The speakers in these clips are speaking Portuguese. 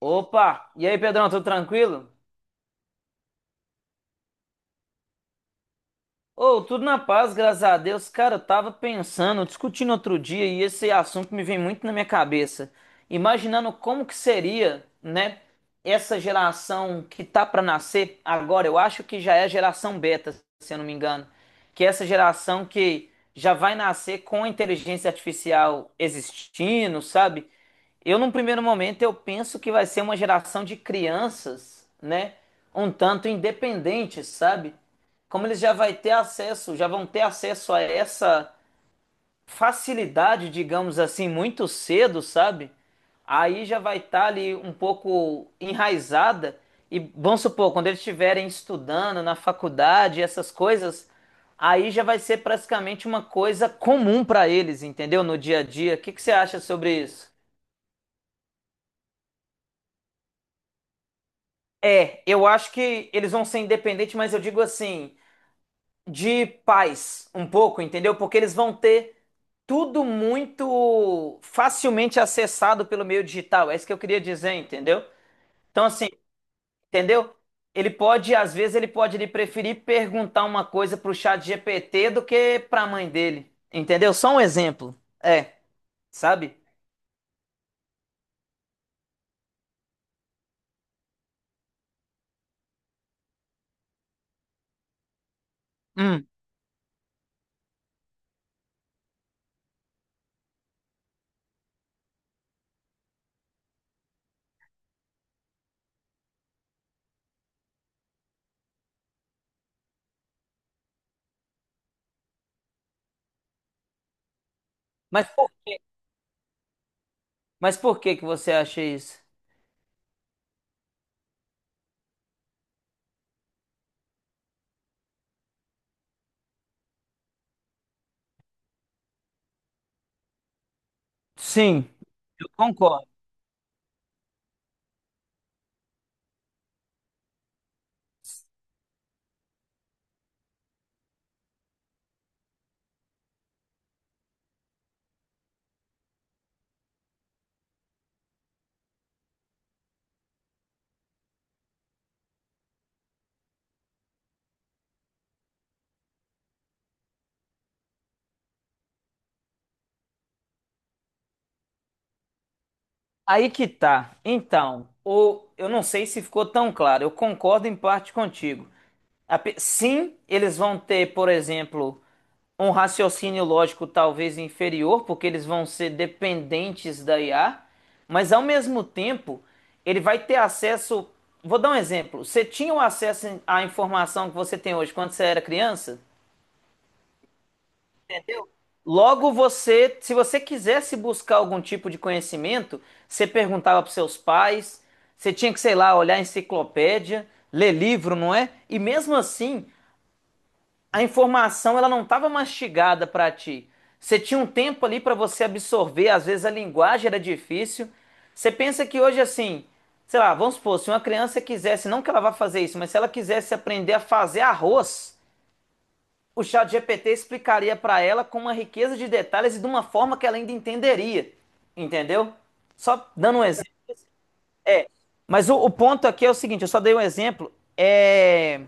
Opa! E aí, Pedrão, tudo tranquilo? Ô, tudo na paz, graças a Deus. Cara, eu tava pensando, discutindo outro dia, e esse assunto me vem muito na minha cabeça. Imaginando como que seria, né, essa geração que tá pra nascer agora. Eu acho que já é a geração beta, se eu não me engano. Que é essa geração que já vai nascer com a inteligência artificial existindo, sabe? Eu, num primeiro momento, eu penso que vai ser uma geração de crianças, né? Um tanto independentes, sabe? Como eles já vão ter acesso a essa facilidade, digamos assim, muito cedo, sabe? Aí já vai estar ali um pouco enraizada e vamos supor, quando eles estiverem estudando na faculdade, essas coisas, aí já vai ser praticamente uma coisa comum para eles, entendeu? No dia a dia. O que que você acha sobre isso? É, eu acho que eles vão ser independentes, mas eu digo assim, de paz, um pouco, entendeu? Porque eles vão ter tudo muito facilmente acessado pelo meio digital. É isso que eu queria dizer, entendeu? Então, assim, entendeu? Ele pode, às vezes, ele preferir perguntar uma coisa pro chat GPT do que pra mãe dele, entendeu? Só um exemplo. É, sabe? Hum. Mas por quê? Mas por que que você acha isso? Sim, eu concordo. Aí que tá. Então, ou eu não sei se ficou tão claro. Eu concordo em parte contigo. Sim, eles vão ter, por exemplo, um raciocínio lógico talvez inferior, porque eles vão ser dependentes da IA, mas ao mesmo tempo, ele vai ter acesso. Vou dar um exemplo. Você tinha o acesso à informação que você tem hoje quando você era criança? Logo você, se você quisesse buscar algum tipo de conhecimento, você perguntava para seus pais, você tinha que, sei lá, olhar enciclopédia, ler livro, não é? E mesmo assim, a informação ela não estava mastigada para ti. Você tinha um tempo ali para você absorver, às vezes a linguagem era difícil. Você pensa que hoje assim, sei lá, vamos supor, se uma criança quisesse, não que ela vá fazer isso, mas se ela quisesse aprender a fazer arroz, o chat GPT explicaria para ela com uma riqueza de detalhes e de uma forma que ela ainda entenderia, entendeu? Só dando um exemplo. Mas o ponto aqui é o seguinte, eu só dei um exemplo,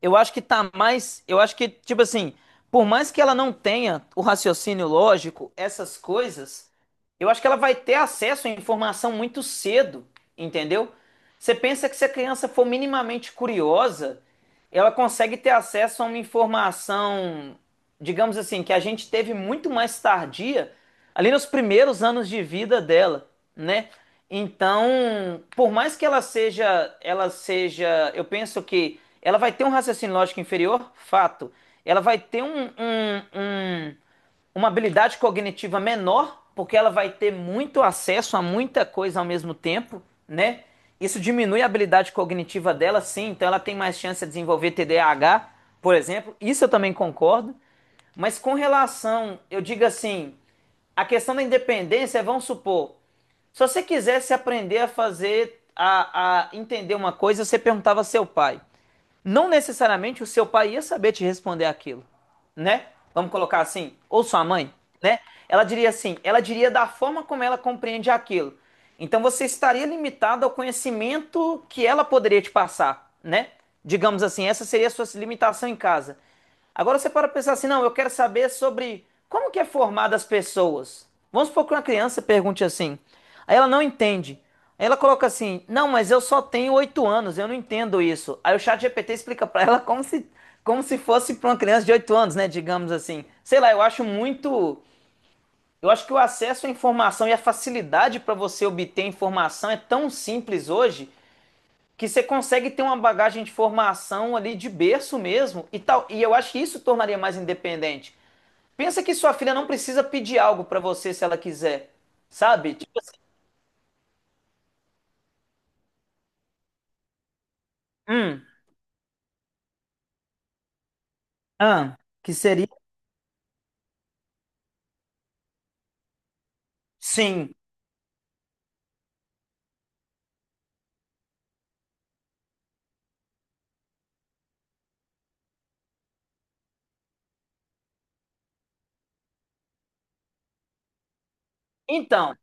eu acho que tá mais. Eu acho que, tipo assim, por mais que ela não tenha o raciocínio lógico, essas coisas, eu acho que ela vai ter acesso à informação muito cedo, entendeu? Você pensa que se a criança for minimamente curiosa, ela consegue ter acesso a uma informação, digamos assim, que a gente teve muito mais tardia, ali nos primeiros anos de vida dela, né? Então, por mais que ela seja, eu penso que ela vai ter um raciocínio lógico inferior, fato. Ela vai ter uma habilidade cognitiva menor, porque ela vai ter muito acesso a muita coisa ao mesmo tempo, né? Isso diminui a habilidade cognitiva dela, sim, então ela tem mais chance de desenvolver TDAH, por exemplo. Isso eu também concordo. Mas com relação, eu digo assim, a questão da independência, é, vamos supor, se você quisesse aprender a entender uma coisa, você perguntava ao seu pai. Não necessariamente o seu pai ia saber te responder aquilo, né? Vamos colocar assim, ou sua mãe, né? Ela diria assim, ela diria da forma como ela compreende aquilo. Então você estaria limitado ao conhecimento que ela poderia te passar, né? Digamos assim, essa seria a sua limitação em casa. Agora você para pensar assim, não, eu quero saber sobre como que é formada as pessoas. Vamos supor que uma criança pergunte assim. Aí ela não entende. Aí ela coloca assim, não, mas eu só tenho 8 anos, eu não entendo isso. Aí o chat GPT explica para ela como se fosse para uma criança de 8 anos, né? Digamos assim. Sei lá, eu acho muito. Eu acho que o acesso à informação e a facilidade para você obter informação é tão simples hoje que você consegue ter uma bagagem de formação ali de berço mesmo e tal. E eu acho que isso tornaria mais independente. Pensa que sua filha não precisa pedir algo pra você se ela quiser, sabe? Tipo. Hum. Ah, que seria. Sim. Então.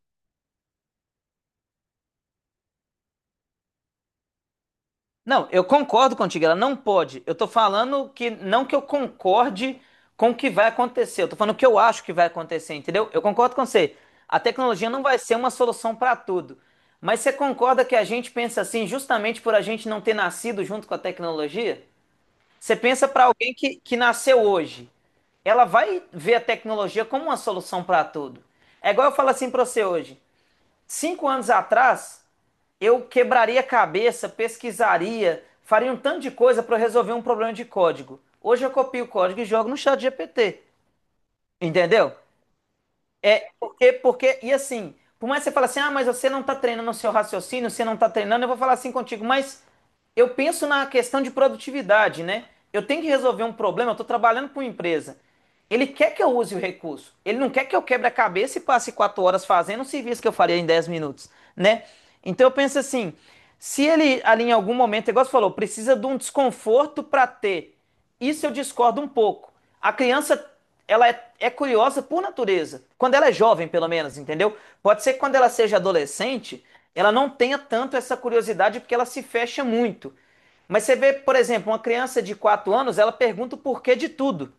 Não, eu concordo contigo, ela não pode. Eu tô falando que não que eu concorde com o que vai acontecer, eu tô falando o que eu acho que vai acontecer, entendeu? Eu concordo com você. A tecnologia não vai ser uma solução para tudo. Mas você concorda que a gente pensa assim justamente por a gente não ter nascido junto com a tecnologia? Você pensa para alguém que nasceu hoje, ela vai ver a tecnologia como uma solução para tudo. É igual eu falo assim para você hoje. 5 anos atrás, eu quebraria a cabeça, pesquisaria, faria um tanto de coisa para resolver um problema de código. Hoje eu copio o código e jogo no chat GPT, entendeu? É, porque, e assim, por mais que você fale assim, ah, mas você não está treinando o seu raciocínio, você não está treinando, eu vou falar assim contigo, mas eu penso na questão de produtividade, né? Eu tenho que resolver um problema, eu estou trabalhando com uma empresa. Ele quer que eu use o recurso. Ele não quer que eu quebre a cabeça e passe 4 horas fazendo um serviço que eu faria em 10 minutos, né? Então eu penso assim, se ele ali em algum momento, igual você falou, precisa de um desconforto para ter, isso eu discordo um pouco. A criança ela é curiosa por natureza. Quando ela é jovem, pelo menos, entendeu? Pode ser que quando ela seja adolescente, ela não tenha tanto essa curiosidade porque ela se fecha muito. Mas você vê, por exemplo, uma criança de 4 anos, ela pergunta o porquê de tudo,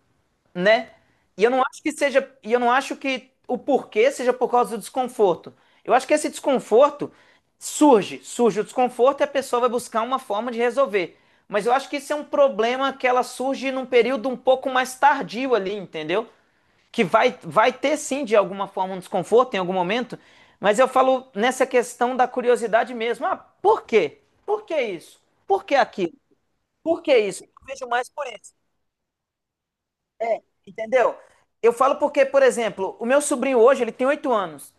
né? E eu não acho que o porquê seja por causa do desconforto. Eu acho que esse desconforto surge, surge o desconforto e a pessoa vai buscar uma forma de resolver. Mas eu acho que isso é um problema que ela surge num período um pouco mais tardio ali, entendeu? Que vai ter sim, de alguma forma, um desconforto em algum momento, mas eu falo nessa questão da curiosidade mesmo. Ah, por quê? Por que isso? Por que aquilo? Por que isso? Eu vejo mais por isso, entendeu? Eu falo porque, por exemplo, o meu sobrinho hoje, ele tem 8 anos.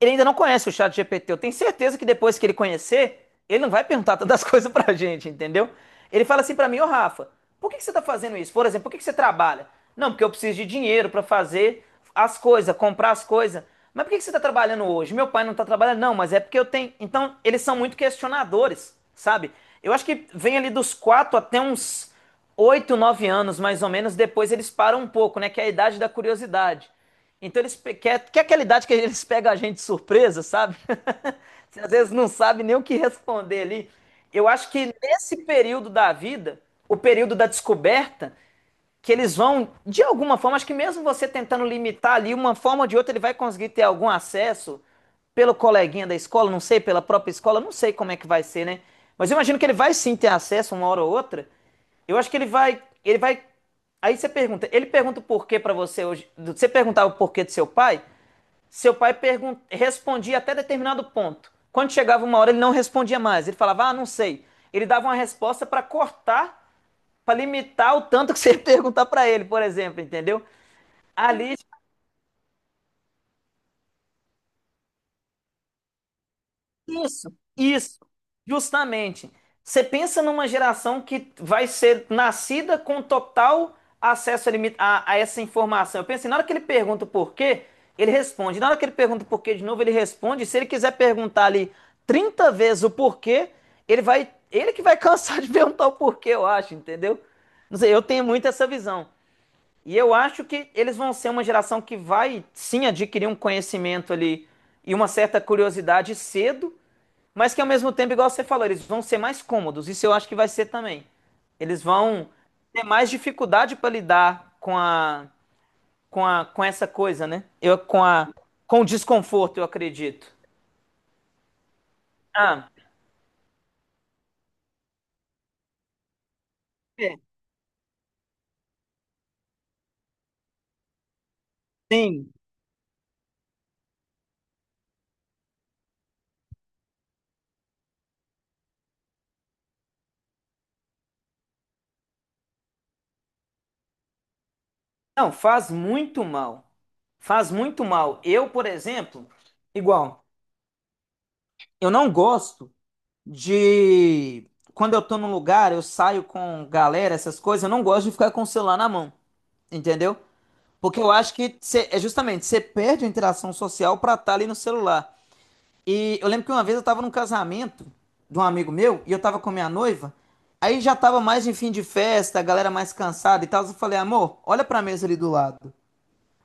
Ele ainda não conhece o chat GPT. Eu tenho certeza que depois que ele conhecer, ele não vai perguntar tantas coisas pra gente, entendeu? Ele fala assim pra mim, ô Rafa, por que que você tá fazendo isso? Por exemplo, por que que você trabalha? Não, porque eu preciso de dinheiro pra fazer as coisas, comprar as coisas. Mas por que que você tá trabalhando hoje? Meu pai não tá trabalhando, não, mas é porque eu tenho. Então, eles são muito questionadores, sabe? Eu acho que vem ali dos 4 até uns 8, 9 anos, mais ou menos, depois eles param um pouco, né? Que é a idade da curiosidade. Então eles quer aquela idade que eles pegam a gente de surpresa, sabe? Você às vezes não sabe nem o que responder ali. Eu acho que nesse período da vida, o período da descoberta, que eles vão, de alguma forma, acho que mesmo você tentando limitar ali, uma forma ou de outra, ele vai conseguir ter algum acesso pelo coleguinha da escola, não sei, pela própria escola, não sei como é que vai ser, né? Mas eu imagino que ele vai sim ter acesso uma hora ou outra. Eu acho que ele vai, ele vai. Aí ele pergunta o porquê pra você hoje. Você perguntava o porquê do seu pai respondia até determinado ponto. Quando chegava uma hora, ele não respondia mais. Ele falava, ah, não sei. Ele dava uma resposta para cortar para limitar o tanto que você ia perguntar para ele, por exemplo, entendeu? Ali. Isso. Isso, justamente. Você pensa numa geração que vai ser nascida com total acesso a essa informação. Eu penso, na hora que ele pergunta o porquê, ele responde. Na hora que ele pergunta o porquê de novo, ele responde. Se ele quiser perguntar ali 30 vezes o porquê, ele que vai cansar de perguntar o porquê, eu acho, entendeu? Não sei, eu tenho muito essa visão. E eu acho que eles vão ser uma geração que vai sim adquirir um conhecimento ali e uma certa curiosidade cedo, mas que ao mesmo tempo, igual você falou, eles vão ser mais cômodos. Isso eu acho que vai ser também. Eles vão ter mais dificuldade para lidar com essa coisa, né? Eu com a com o desconforto, eu acredito. Ah, é, sim. Não, faz muito mal. Faz muito mal. Eu, por exemplo, igual, eu não gosto de quando eu tô num lugar, eu saio com galera, essas coisas, eu não gosto de ficar com o celular na mão, entendeu? Porque eu acho que é justamente, você perde a interação social pra estar ali no celular. E eu lembro que uma vez eu tava num casamento de um amigo meu e eu tava com a minha noiva, aí já tava mais em fim de festa, a galera mais cansada e tal, eu falei, amor, olha pra mesa ali do lado.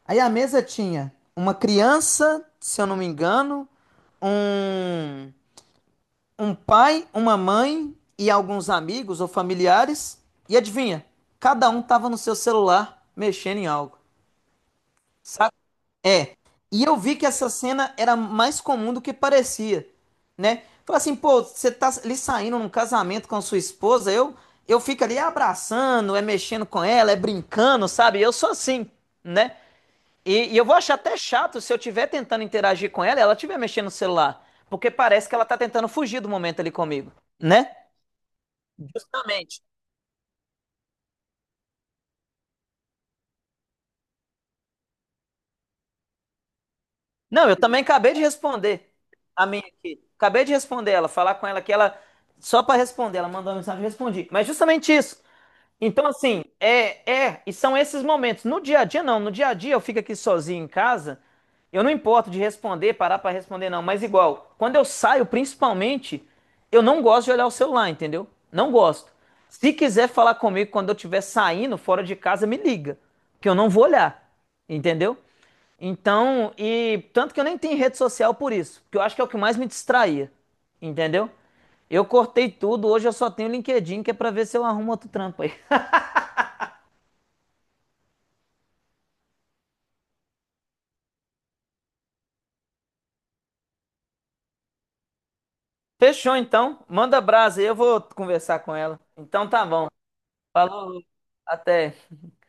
Aí a mesa tinha uma criança, se eu não me engano, um um pai, uma mãe e alguns amigos ou familiares. E adivinha? Cada um tava no seu celular mexendo em algo. Sabe? É. E eu vi que essa cena era mais comum do que parecia, né? Falei assim, pô, você tá ali saindo num casamento com a sua esposa, eu fico ali abraçando, mexendo com ela, brincando, sabe? Eu sou assim, né? E eu vou achar até chato se eu estiver tentando interagir com ela, e ela estiver mexendo no celular, porque parece que ela tá tentando fugir do momento ali comigo, né? Justamente. Não, eu também acabei de responder a minha aqui. Acabei de responder ela, falar com ela que ela, só para responder, ela mandou uma mensagem, eu respondi. Mas justamente isso. Então, assim, e são esses momentos. No dia a dia, não. No dia a dia, eu fico aqui sozinho em casa. Eu não importo de responder, parar pra responder, não. Mas, igual, quando eu saio, principalmente, eu não gosto de olhar o celular, entendeu? Não gosto. Se quiser falar comigo quando eu estiver saindo fora de casa, me liga, que eu não vou olhar, entendeu? Então, e tanto que eu nem tenho rede social por isso, porque eu acho que é o que mais me distraía, entendeu? Eu cortei tudo, hoje eu só tenho o LinkedIn, que é pra ver se eu arrumo outro trampo aí. Fechou então. Manda brasa aí, eu vou conversar com ela. Então tá bom. Falou, até.